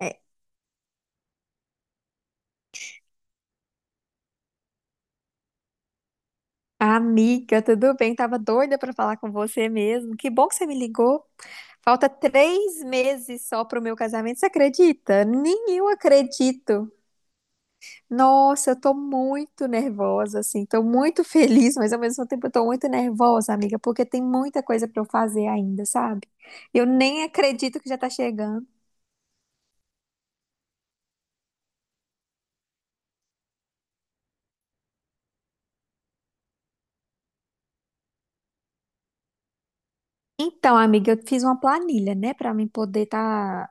É, Amiga, tudo bem? Tava doida pra falar com você mesmo. Que bom que você me ligou. Falta 3 meses só pro meu casamento. Você acredita? Nem eu acredito. Nossa, eu tô muito nervosa, assim. Tô muito feliz, mas ao mesmo tempo eu tô muito nervosa, amiga, porque tem muita coisa pra eu fazer ainda, sabe? Eu nem acredito que já tá chegando. Então, amiga, eu fiz uma planilha, né, para mim poder estar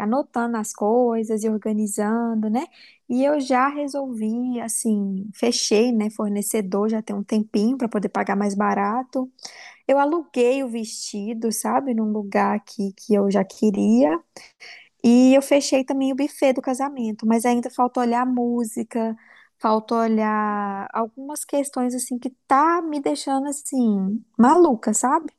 anotando as coisas e organizando, né? E eu já resolvi, assim, fechei, né, fornecedor, já tem um tempinho para poder pagar mais barato. Eu aluguei o vestido, sabe, num lugar aqui que eu já queria. E eu fechei também o buffet do casamento, mas ainda falta olhar a música, falta olhar algumas questões assim que tá me deixando assim maluca, sabe?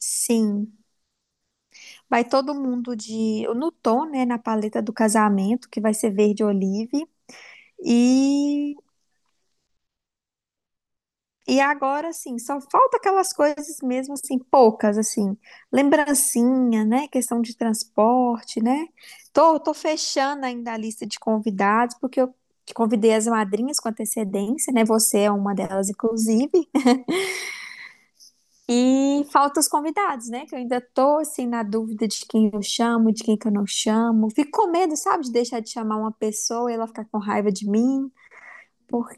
Sim. Vai todo mundo de no tom, né, na paleta do casamento, que vai ser verde olive. E e agora assim, só falta aquelas coisas mesmo assim, poucas assim, lembrancinha, né, questão de transporte, né? Tô fechando ainda a lista de convidados, porque eu convidei as madrinhas com antecedência, né? Você é uma delas, inclusive. E falta os convidados, né? Que eu ainda tô assim na dúvida de quem eu chamo, de quem que eu não chamo. Fico com medo, sabe, de deixar de chamar uma pessoa e ela ficar com raiva de mim. Por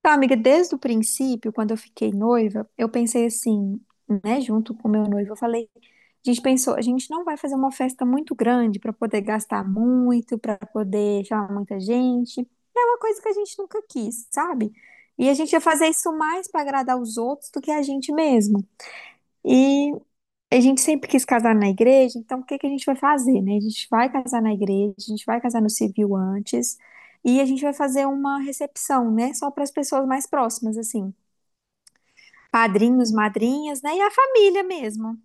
Então, amiga, desde o princípio, quando eu fiquei noiva, eu pensei assim, né, junto com meu noivo, eu falei, a gente pensou, a gente não vai fazer uma festa muito grande para poder gastar muito, para poder chamar muita gente. É uma coisa que a gente nunca quis, sabe? E a gente ia fazer isso mais para agradar os outros do que a gente mesmo. E a gente sempre quis casar na igreja, então o que que a gente vai fazer, né? A gente vai casar na igreja, a gente vai casar no civil antes, e a gente vai fazer uma recepção, né? Só para as pessoas mais próximas, assim, padrinhos, madrinhas, né? E a família mesmo.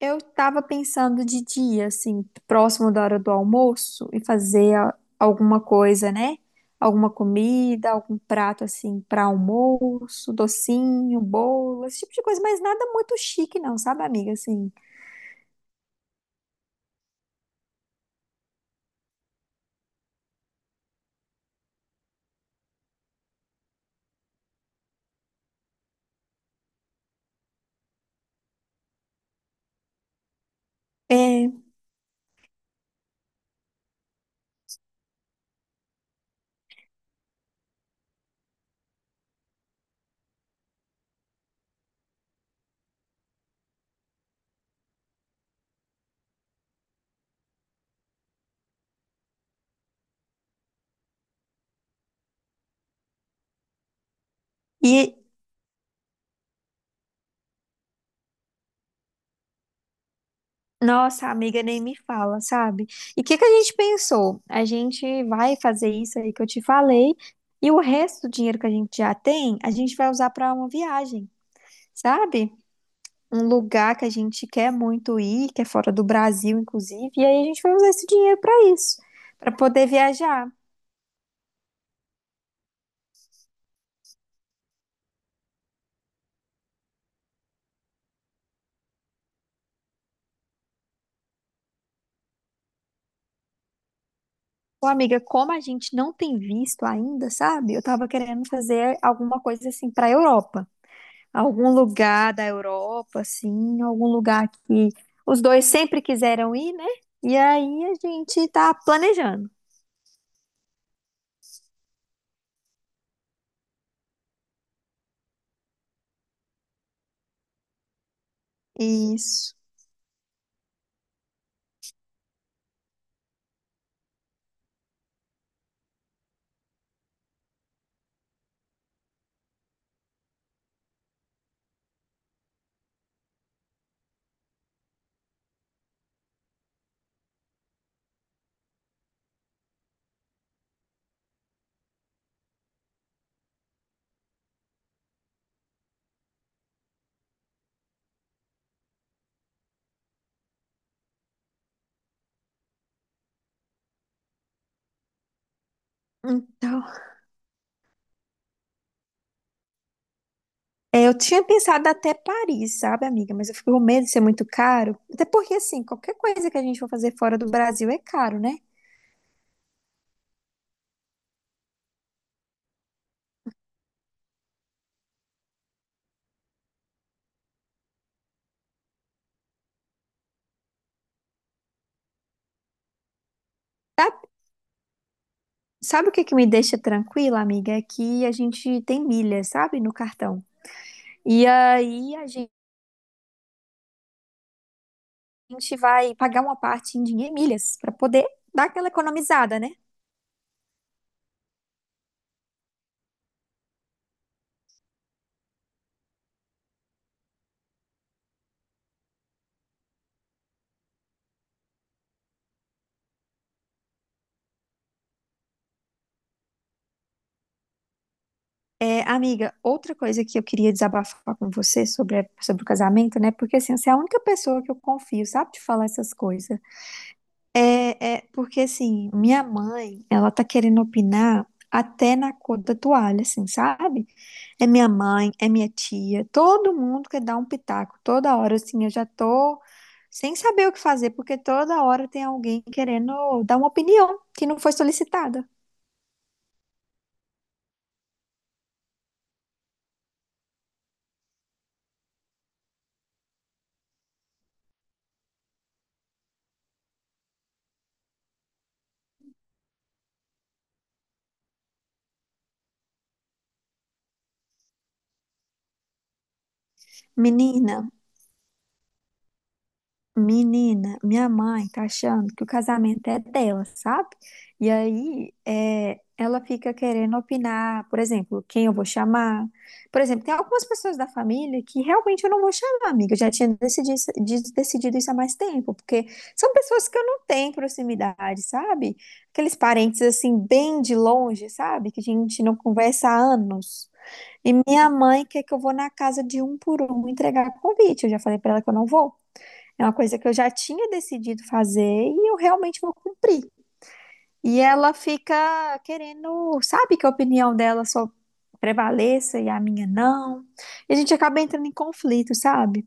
Eu tava pensando de dia, assim, próximo da hora do almoço, e fazer alguma coisa, né? Alguma comida, algum prato assim para almoço, docinho, bolo, esse tipo de coisa, mas nada muito chique, não, sabe, amiga? Assim, É, e nossa, a amiga nem me fala, sabe? E o que que a gente pensou? A gente vai fazer isso aí que eu te falei, e o resto do dinheiro que a gente já tem, a gente vai usar para uma viagem, sabe? Um lugar que a gente quer muito ir, que é fora do Brasil, inclusive, e aí a gente vai usar esse dinheiro para isso, para poder viajar. Ô, amiga, como a gente não tem visto ainda, sabe? Eu tava querendo fazer alguma coisa assim para Europa. Algum lugar da Europa, assim, algum lugar que os dois sempre quiseram ir, né? E aí a gente tá planejando. Isso. Então, eu tinha pensado até Paris, sabe, amiga? Mas eu fico com medo de ser muito caro. Até porque, assim, qualquer coisa que a gente for fazer fora do Brasil é caro, né? Tá- Sabe o que que me deixa tranquila, amiga? É que a gente tem milhas, sabe, no cartão. E aí a gente vai pagar uma parte em dinheiro em milhas para poder dar aquela economizada, né? É, amiga, outra coisa que eu queria desabafar com você sobre, sobre o casamento, né? Porque assim, você é a única pessoa que eu confio, sabe, de falar essas coisas. É, é porque assim, minha mãe, ela tá querendo opinar até na cor da toalha, assim, sabe? É minha mãe, é minha tia, todo mundo quer dar um pitaco toda hora, assim, eu já tô sem saber o que fazer, porque toda hora tem alguém querendo dar uma opinião que não foi solicitada. Menina. Menina, minha mãe tá achando que o casamento é dela, sabe? E aí, é, ela fica querendo opinar, por exemplo, quem eu vou chamar. Por exemplo, tem algumas pessoas da família que realmente eu não vou chamar, amiga. Eu já tinha decidido, decidido isso há mais tempo, porque são pessoas que eu não tenho proximidade, sabe? Aqueles parentes, assim, bem de longe, sabe? Que a gente não conversa há anos. E minha mãe quer que eu vou na casa de um por um entregar convite. Eu já falei pra ela que eu não vou. É uma coisa que eu já tinha decidido fazer e eu realmente vou cumprir. E ela fica querendo, sabe, que a opinião dela só prevaleça e a minha não. E a gente acaba entrando em conflito, sabe?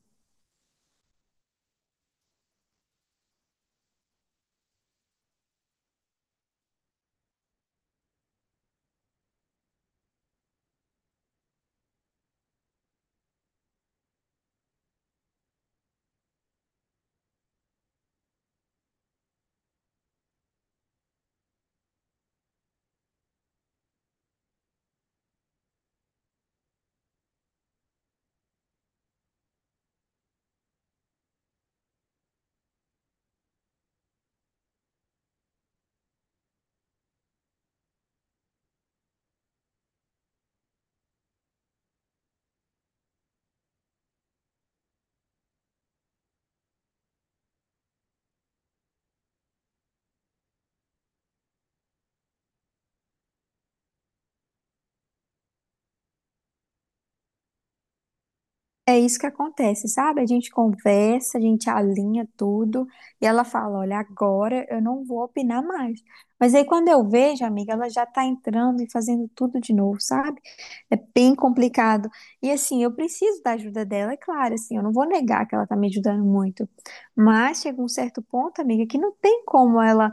É isso que acontece, sabe? A gente conversa, a gente alinha tudo e ela fala: Olha, agora eu não vou opinar mais. Mas aí quando eu vejo, amiga, ela já tá entrando e fazendo tudo de novo, sabe? É bem complicado. E assim, eu preciso da ajuda dela, é claro, assim, eu não vou negar que ela tá me ajudando muito. Mas chega um certo ponto, amiga, que não tem como ela,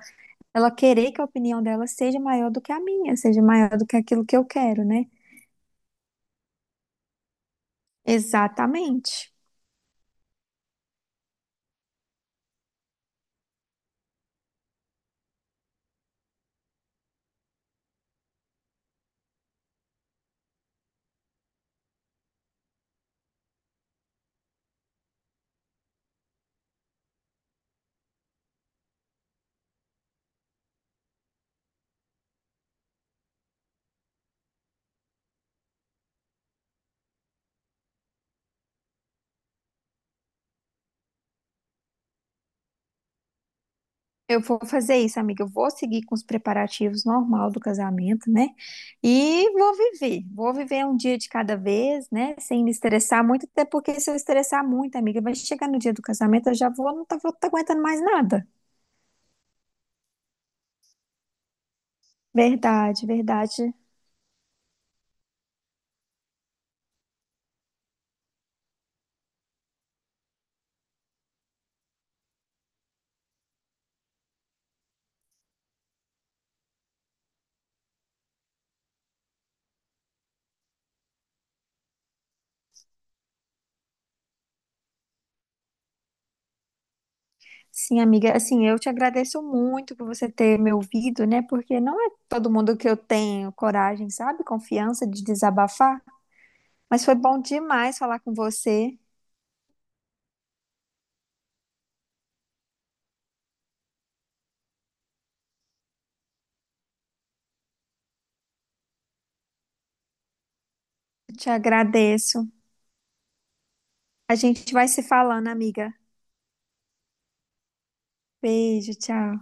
ela querer que a opinião dela seja maior do que a minha, seja maior do que aquilo que eu quero, né? Exatamente. Eu vou fazer isso, amiga. Eu vou seguir com os preparativos normal do casamento, né? E vou viver. Vou viver um dia de cada vez, né? Sem me estressar muito, até porque se eu estressar muito, amiga, vai chegar no dia do casamento, eu já vou, não tá, vou tá aguentando mais nada. Verdade, verdade. Sim, amiga. Assim, eu te agradeço muito por você ter me ouvido, né? Porque não é todo mundo que eu tenho coragem, sabe? Confiança de desabafar. Mas foi bom demais falar com você. Te agradeço. A gente vai se falando, amiga. Beijo, tchau.